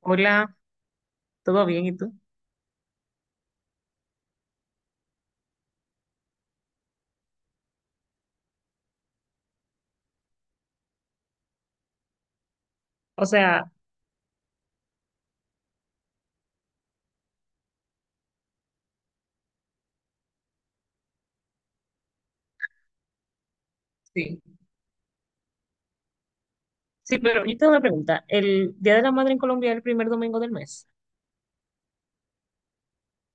Hola, ¿todo bien? ¿Y tú? O sea, sí. Sí, pero yo tengo una pregunta. ¿El Día de la Madre en Colombia es el primer domingo del mes?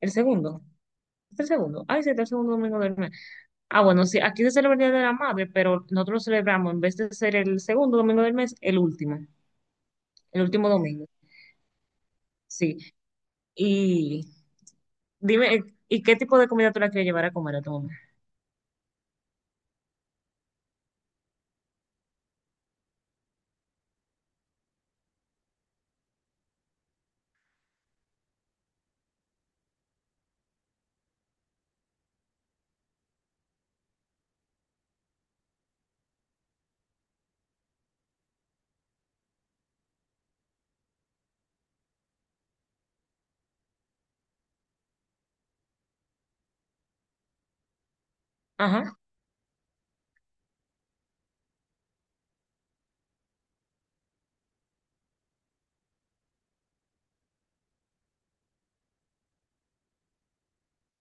¿El segundo? ¿Es el segundo? Ay, sí, es el segundo domingo del mes. Ah, bueno, sí, aquí se celebra el Día de la Madre, pero nosotros lo celebramos, en vez de ser el segundo domingo del mes, el último domingo. Sí. Y dime, ¿y qué tipo de comida tú la quieres llevar a comer a tu mamá? Ajá.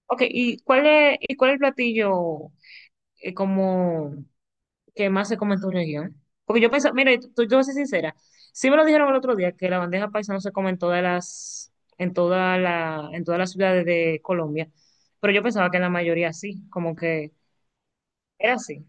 Ok, ¿y cuál es el platillo como que más se come en tu región? Porque yo pensaba, mira, yo voy a ser sincera, sí me lo dijeron el otro día que la bandeja paisa no se come en todas las ciudades de Colombia, pero yo pensaba que en la mayoría sí, como que era así.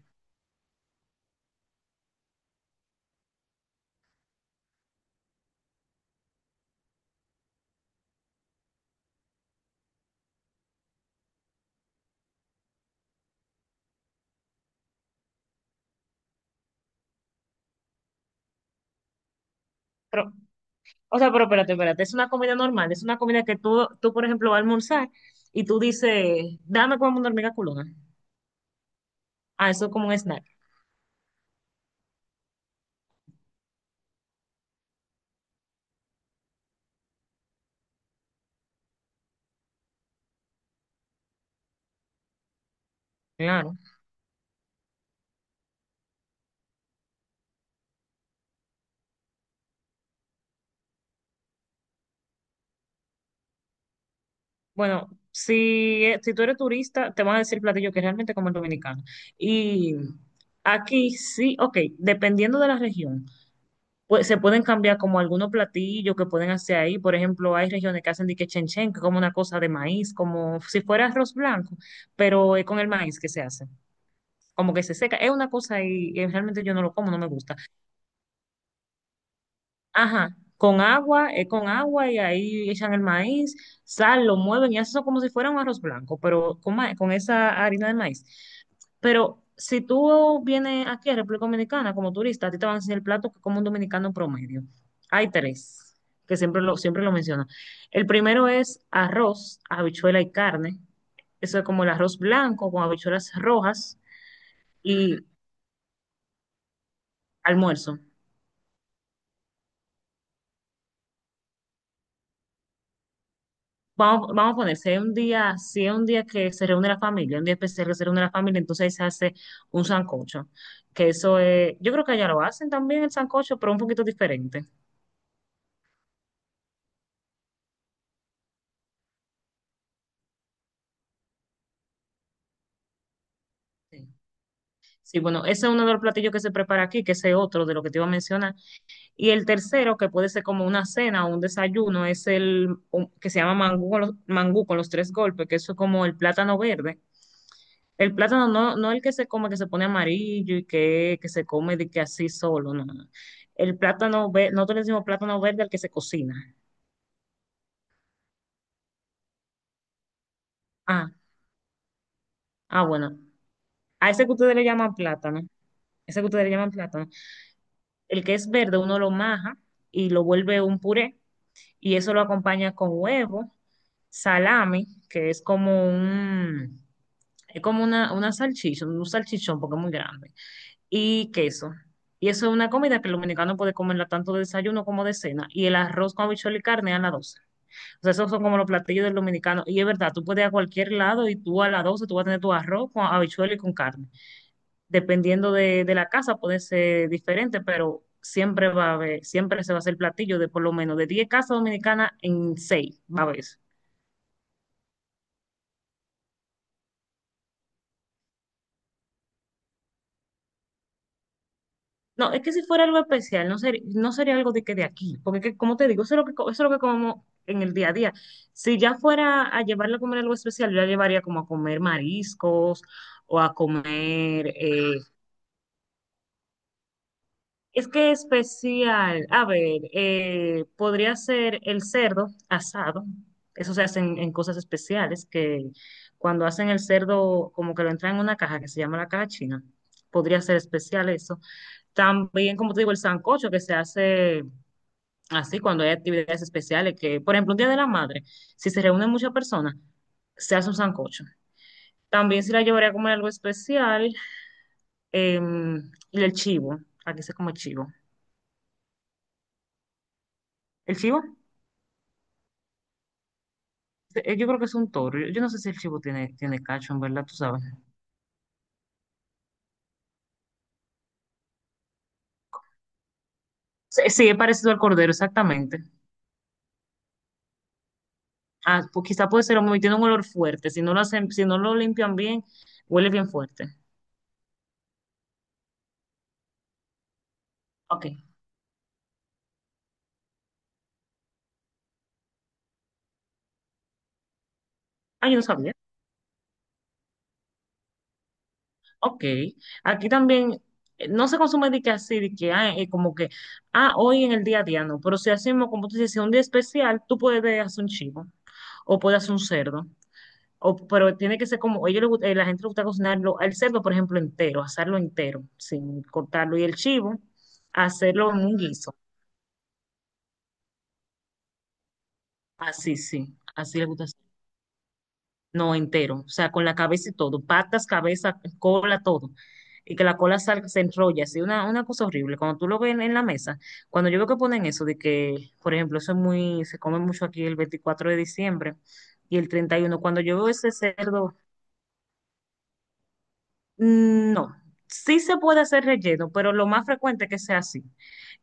Pero, o sea, pero espérate, espérate, es una comida normal, es una comida que tú por ejemplo, vas a almorzar y tú dices, dame como una hormiga culona. Ah, eso es como un snack. Claro. Bueno, si, si tú eres turista, te van a decir platillo que es realmente como el dominicano. Y aquí sí, ok, dependiendo de la región, pues se pueden cambiar como algunos platillos que pueden hacer ahí. Por ejemplo, hay regiones que hacen dique chen chen, que es como una cosa de maíz, como si fuera arroz blanco, pero es con el maíz que se hace. Como que se seca. Es una cosa y realmente yo no lo como, no me gusta. Ajá, con agua, es con agua y ahí echan el maíz, sal, lo mueven y hacen eso como si fuera un arroz blanco, pero con, ma- con esa harina de maíz. Pero si tú vienes aquí a República Dominicana como turista, a ti te van a enseñar el plato que como un dominicano promedio. Hay tres, que siempre lo menciono. El primero es arroz, habichuela y carne. Eso es como el arroz blanco con habichuelas rojas y almuerzo. Vamos, vamos a poner, si hay un día que se reúne la familia, un día especial que se reúne la familia, entonces ahí se hace un sancocho. Que eso es, yo creo que allá lo hacen también el sancocho, pero un poquito diferente. Sí, Sí, bueno, ese es uno de los platillos que se prepara aquí, que ese es otro de lo que te iba a mencionar. Y el tercero, que puede ser como una cena o un desayuno, es el un- que se llama mangú con los tres golpes, que eso es como el plátano verde. El plátano no, no el que se come, que se pone amarillo y que se come de que así solo, no, no. no. El plátano verde, nosotros le decimos plátano verde al que se cocina. Ah, ah, bueno. A ese que ustedes le llaman plátano, ese que ustedes le llaman plátano, el que es verde uno lo maja y lo vuelve un puré y eso lo acompaña con huevo, salami, que es como es como una salchicha, un salchichón porque es muy grande y queso. Y eso es una comida que el dominicano puede comerla tanto de desayuno como de cena. Y el arroz con habichuela y carne a las 12:00. O sea, esos son como los platillos del dominicano. Y es verdad, tú puedes ir a cualquier lado y tú a las 12:00 tú vas a tener tu arroz con habichuela y con carne. Dependiendo de la casa puede ser diferente, pero siempre va a haber, siempre se va a hacer platillo de por lo menos de 10 casas dominicanas en 6 va a haber. No, es que si fuera algo especial, no sería algo de que de aquí, porque que, como te digo, eso es lo que, co- eso es lo que comemos en el día a día. Si ya fuera a llevarla a comer algo especial, yo la llevaría como a comer mariscos o a comer, es que especial, a ver, podría ser el cerdo asado, eso se hace en cosas especiales, que cuando hacen el cerdo como que lo entran en una caja que se llama la caja china, podría ser especial eso. También, como te digo, el sancocho que se hace. Así, cuando hay actividades especiales, que, por ejemplo, un Día de la Madre, si se reúnen muchas personas, se hace un sancocho. También si la llevaría a comer algo especial, eh, y el chivo, aquí se come chivo. ¿El chivo? Yo creo que es un toro. Yo no sé si el chivo tiene cacho, en verdad, tú sabes. Sí, sí, es parecido al cordero, exactamente. Ah, pues quizá puede ser muy, tiene un olor fuerte. Si no lo hacen, si no lo limpian bien, huele bien fuerte. Ok. Ah, yo no sabía. Ok, aquí también no se consume de que así, de que como que, hoy en el día a día no, pero si hacemos, como tú dices, si es un día especial, tú puedes hacer un chivo, o puedes hacer un cerdo, o, pero tiene que ser como, a ellos les gusta- la gente le gusta cocinarlo, el cerdo, por ejemplo, entero, asarlo entero, sin cortarlo, y el chivo, hacerlo en un guiso, así, sí, así le gusta. No, entero, o sea, con la cabeza y todo, patas, cabeza, cola, todo. Y que la cola salga, se enrolla, así, una cosa horrible. Cuando tú lo ves en la mesa, cuando yo veo que ponen eso, de que, por ejemplo, eso es muy, se come mucho aquí el 24 de diciembre y el 31. Cuando yo veo ese cerdo, no, sí se puede hacer relleno, pero lo más frecuente es que sea así,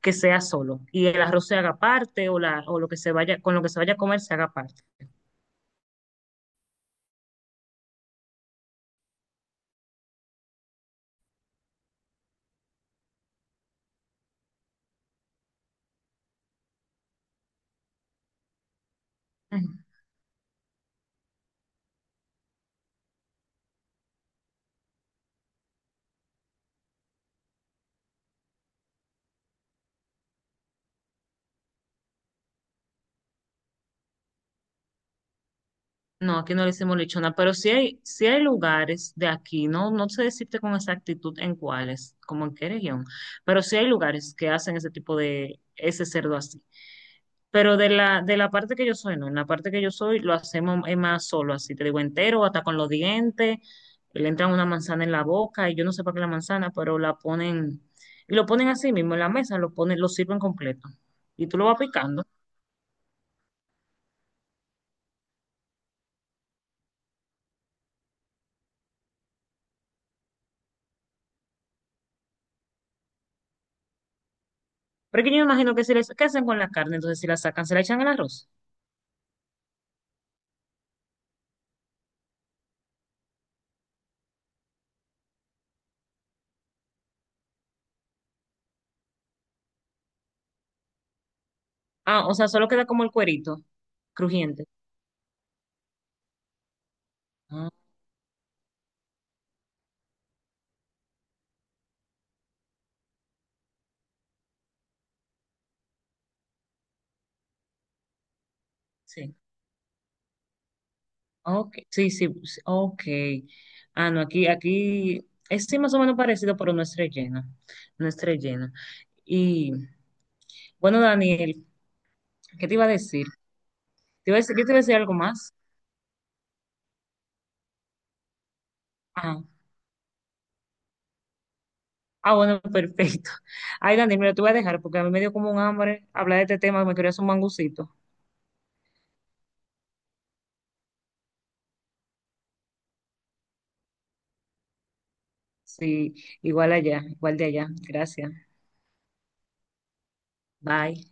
que sea solo. Y el arroz se haga parte o, la, o lo que se vaya, con lo que se vaya a comer se haga parte. No, aquí no le hicimos lechona, pero sí hay lugares de aquí, no, no sé decirte con exactitud en cuáles, como en qué región, pero sí hay lugares que hacen ese tipo de, ese cerdo así. Pero de la parte que yo soy, no, en la parte que yo soy lo hacemos es más solo, así te digo entero, hasta con los dientes, le entran una manzana en la boca y yo no sé para qué la manzana, pero la ponen, y lo ponen así mismo en la mesa, lo ponen, lo sirven completo y tú lo vas picando. Pero es que yo me imagino que si les, ¿qué hacen con la carne? Entonces si la sacan, se la echan al arroz. Ah, o sea, solo queda como el cuerito crujiente. Ah, sí. Ok, sí, sí, sí, ok. Ah, no, aquí es sí, más o menos parecido, pero no es relleno. No es relleno. Y bueno, Daniel, ¿qué te iba a decir? ¿Te iba a decir, yo te iba a decir algo más? Ah, ah, bueno, perfecto. Ay, Daniel, mira, te voy a dejar porque a mí me dio como un hambre hablar de este tema, me quería hacer un mangucito. Sí, igual allá, igual de allá. Gracias. Bye.